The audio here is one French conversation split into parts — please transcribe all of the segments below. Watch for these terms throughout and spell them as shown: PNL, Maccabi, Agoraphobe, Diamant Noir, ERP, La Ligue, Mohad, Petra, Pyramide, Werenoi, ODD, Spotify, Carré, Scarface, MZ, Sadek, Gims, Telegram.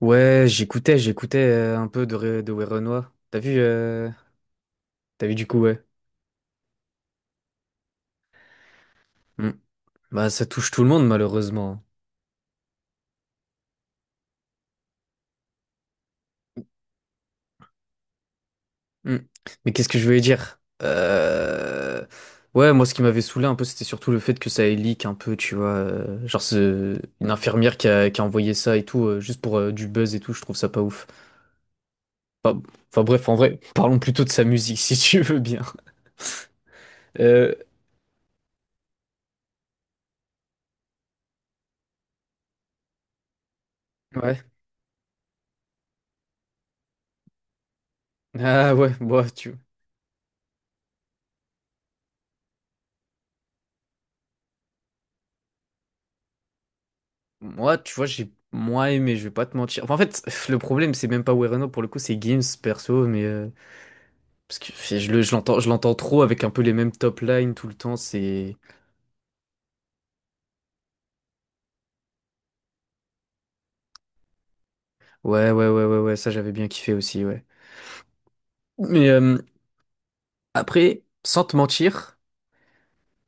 Ouais, j'écoutais, j'écoutais un peu de Werenoi. T'as vu du coup, ouais. Mm. Bah, ça touche tout le monde, malheureusement. Mm. Mais qu'est-ce que je voulais dire? Ouais, moi, ce qui m'avait saoulé un peu, c'était surtout le fait que ça ait leak un peu, tu vois. Genre, une infirmière qui a envoyé ça et tout, juste pour du buzz et tout, je trouve ça pas ouf. Enfin, enfin, bref, en vrai, parlons plutôt de sa musique, si tu veux bien. Euh... Ouais. Ah ouais, bon, tu... Moi, tu vois, j'ai moins aimé, je vais pas te mentir. Enfin, en fait, le problème, c'est même pas Wereno pour le coup, c'est Gims perso, mais parce que je l'entends trop avec un peu les mêmes top lines tout le temps. C'est ouais, ça j'avais bien kiffé aussi, ouais. Mais après, sans te mentir,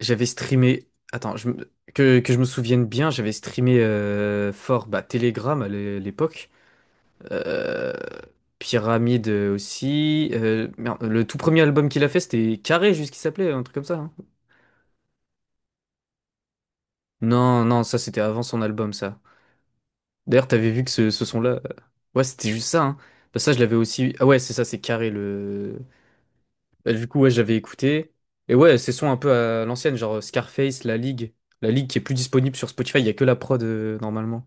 j'avais streamé. Attends, que je me souvienne bien, j'avais streamé fort bah, Telegram à l'époque. Euh, Pyramide aussi. Merde, le tout premier album qu'il a fait, c'était Carré, juste qu'il s'appelait, un truc comme ça, hein. Non, non, ça c'était avant son album, ça. D'ailleurs, t'avais vu que ce son-là. Ouais, c'était juste ça, hein. Bah, ça, je l'avais aussi. Ah ouais, c'est ça, c'est carré le. Bah, du coup, ouais, j'avais écouté. Et ouais, ces sons un peu à l'ancienne, genre Scarface, La Ligue. La Ligue qui est plus disponible sur Spotify, il y a que la prod normalement.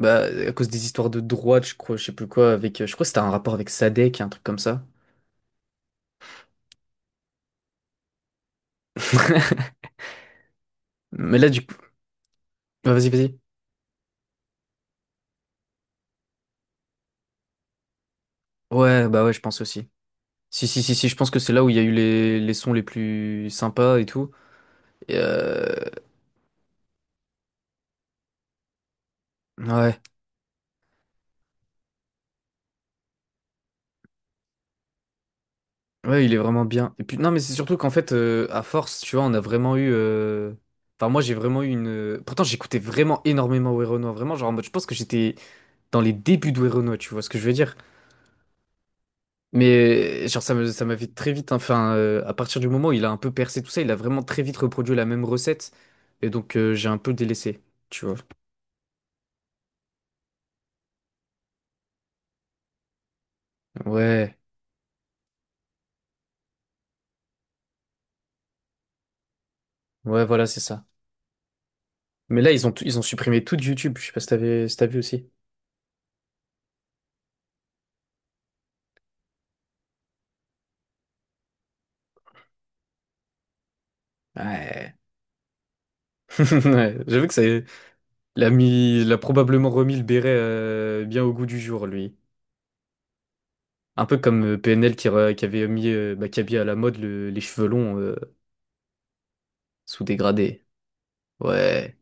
Bah, à cause des histoires de droite, je crois, je sais plus quoi, avec. Je crois que c'était un rapport avec Sadek, un truc comme ça. Mais là, du coup. Ah, vas-y. Ouais, bah ouais, je pense aussi. Si, je pense que c'est là où il y a eu les sons les plus sympas et tout. Ouais, ouais, il est vraiment bien. Et puis non, mais c'est surtout qu'en fait, à force, tu vois, on a vraiment eu. Enfin, moi, j'ai vraiment eu une. Pourtant, j'écoutais vraiment énormément Werenoi, vraiment, genre en mode, je pense que j'étais dans les débuts de Werenoi, tu vois ce que je veux dire. Mais genre, ça m'a fait très vite, hein. Enfin, à partir du moment où il a un peu percé tout ça, il a vraiment très vite reproduit la même recette. Et donc, j'ai un peu délaissé, tu vois. Ouais, ouais, voilà, c'est ça. Mais là, ils ont supprimé tout de YouTube. Je sais pas si t'avais, si t'as vu aussi. Ouais. Ouais, j'avoue que ça. Il a mis, il a probablement remis le béret bien au goût du jour, lui. Un peu comme PNL qui avait mis Maccabi à la mode les cheveux longs sous dégradés. Ouais.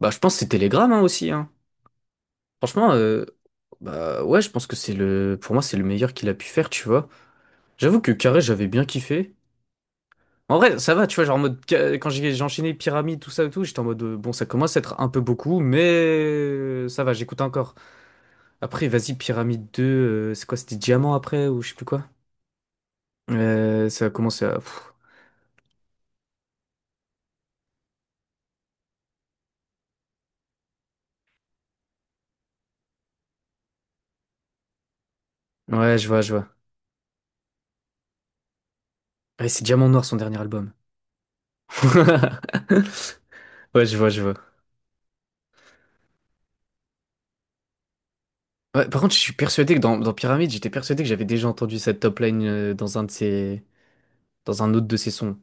Bah, je pense que c'est Telegram hein, aussi. Hein. Franchement, bah ouais, je pense que c'est le, pour moi, c'est le meilleur qu'il a pu faire, tu vois. J'avoue que Carré, j'avais bien kiffé. En vrai, ça va, tu vois, genre en mode quand j'ai enchaîné pyramide, tout ça et tout, j'étais en mode bon, ça commence à être un peu beaucoup, mais ça va, j'écoute encore. Après, vas-y, pyramide 2 c'est quoi, c'était diamant après ou je sais plus quoi. Ça a commencé à... pff. Je vois. Ouais, c'est Diamant Noir, son dernier album. Je vois. Ouais, par contre, je suis persuadé que dans Pyramide, j'étais persuadé que j'avais déjà entendu cette top line dans un de ses... dans un autre de ses sons.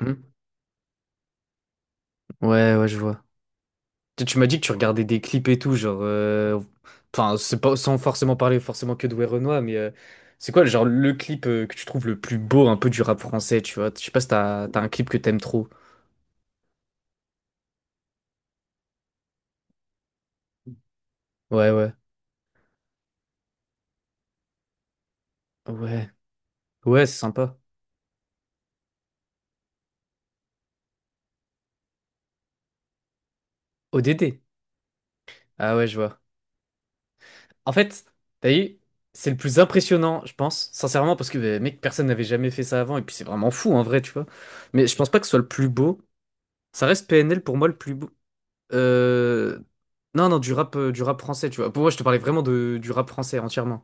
Hmm. Ouais, je vois. Tu m'as dit que tu regardais des clips et tout, genre... Enfin, c'est pas sans forcément parler forcément que de Werenoi, mais c'est quoi, genre, le clip que tu trouves le plus beau un peu du rap français, tu vois? Je sais pas si t'as, t'as un clip que t'aimes trop. Ouais, ouais. Ouais. Ouais, c'est sympa. ODD. Ah ouais, je vois. En fait, t'as vu, c'est le plus impressionnant, je pense, sincèrement, parce que, bah, mec, personne n'avait jamais fait ça avant, et puis c'est vraiment fou, en vrai, tu vois. Mais je pense pas que ce soit le plus beau. Ça reste PNL, pour moi, le plus beau. Euh... Non, non, du rap français, tu vois. Pour moi, je te parlais vraiment de, du rap français entièrement.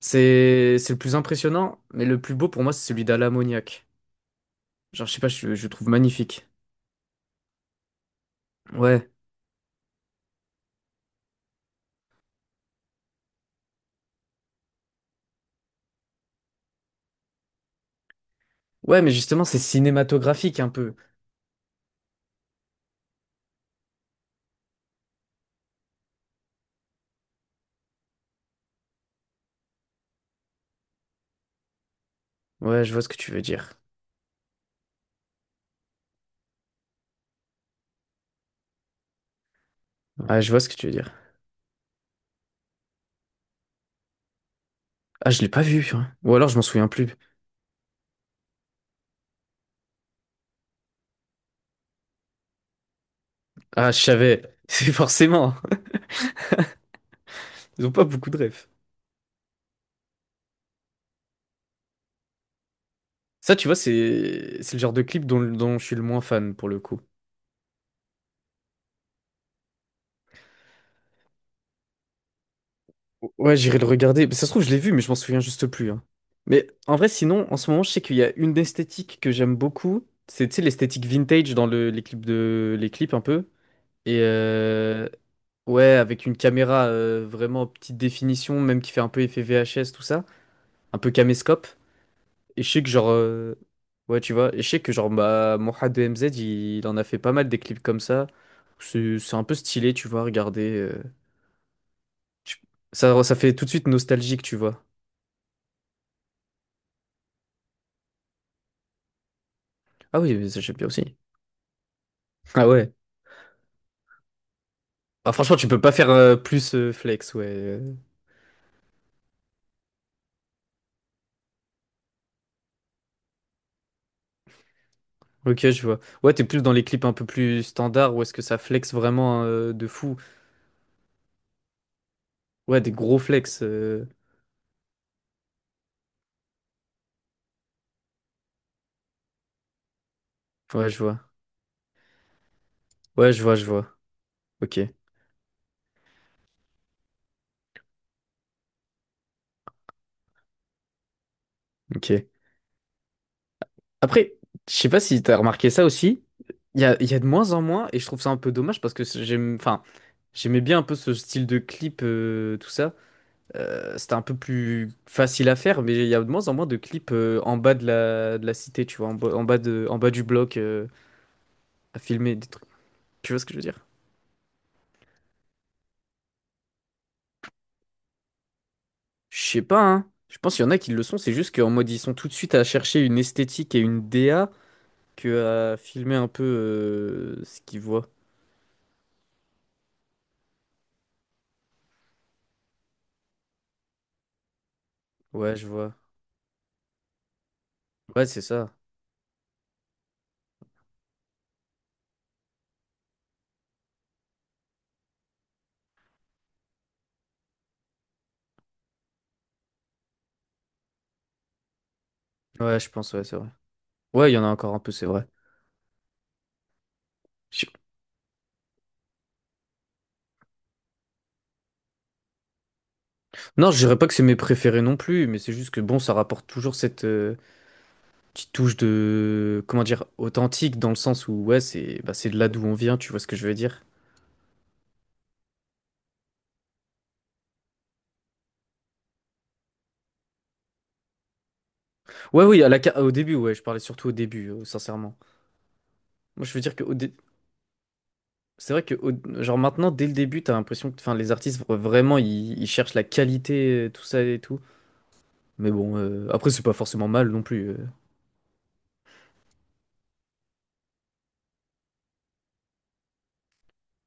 C'est le plus impressionnant, mais le plus beau, pour moi, c'est celui d'Ala Mouniac. Genre, je sais pas, je le trouve magnifique. Ouais. Ouais, mais justement, c'est cinématographique, un peu. Ouais, je vois ce que tu veux dire. Ouais, je vois ce que tu veux dire. Ah, je l'ai pas vu, hein. Ou alors, je m'en souviens plus. Ah, je savais. C'est forcément. Ils ont pas beaucoup de refs. Ça, tu vois, c'est le genre de clip dont je suis le moins fan pour le coup. Ouais, j'irai le regarder. Mais ça se trouve, je l'ai vu, mais je m'en souviens juste plus, hein. Mais en vrai, sinon, en ce moment, je sais qu'il y a une esthétique que j'aime beaucoup. C'est, tu sais, l'esthétique vintage dans les clips de, les clips un peu. Et ouais, avec une caméra vraiment petite définition, même qui fait un peu effet VHS, tout ça. Un peu caméscope. Et je sais que genre. Ouais, tu vois. Et je sais que genre bah, Mohad de MZ, il en a fait pas mal des clips comme ça. C'est un peu stylé, tu vois, regardez. Je- Ça, ça fait tout de suite nostalgique, tu vois. Ah oui, mais ça j'aime bien aussi. Ah ouais. Ah, franchement, tu peux pas faire plus flex, ouais. Ok, je vois. Ouais, t'es plus dans les clips un peu plus standards, où est-ce que ça flex vraiment de fou? Ouais, des gros flex. Ouais, je vois. Je vois. Ok, ok. Après, je sais pas si t'as remarqué ça aussi. Il y a de moins en moins, et je trouve ça un peu dommage parce que j'aime, enfin, j'aimais bien un peu ce style de clip, tout ça. C'était un peu plus facile à faire, mais il y a de moins en moins de clips en bas de de la cité, tu vois, en bas du bloc à filmer des trucs. Tu vois ce que je veux dire? Je sais pas, hein. Je pense qu'il y en a qui le sont, c'est juste qu'en mode ils sont tout de suite à chercher une esthétique et une DA que à filmer un peu ce qu'ils voient. Ouais, je vois. Ouais, c'est ça. Ouais, je pense, ouais, c'est vrai. Ouais, il y en a encore un peu, c'est vrai. Je- Non, je dirais pas que c'est mes préférés non plus, mais c'est juste que bon, ça rapporte toujours cette petite touche de, comment dire, authentique dans le sens où ouais, c'est bah, c'est de là d'où on vient, tu vois ce que je veux dire? Ouais, oui, au début, ouais, je parlais surtout au début, sincèrement. Moi, je veux dire que au dé- c'est vrai que au- genre maintenant, dès le début, t'as l'impression que, enfin, les artistes vraiment, ils cherchent la qualité, tout ça et tout. Mais bon, après, c'est pas forcément mal non plus.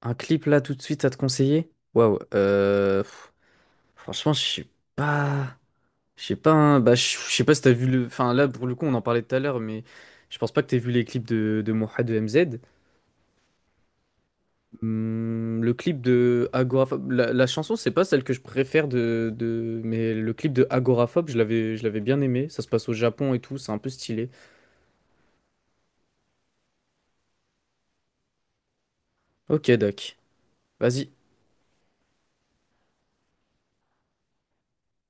Un clip là, tout de suite, à te conseiller? Waouh, pff, franchement, je sais pas. Je sais pas, hein, bah, je sais pas si t'as vu le. Enfin, là, pour le coup, on en parlait tout à l'heure, mais je pense pas que t'aies vu les clips de Moha de MZ. Le clip de Agoraphobe. La chanson, c'est pas celle que je préfère de. Mais le clip de Agoraphobe, je l'avais bien aimé. Ça se passe au Japon et tout, c'est un peu stylé. Ok, Doc. Vas-y.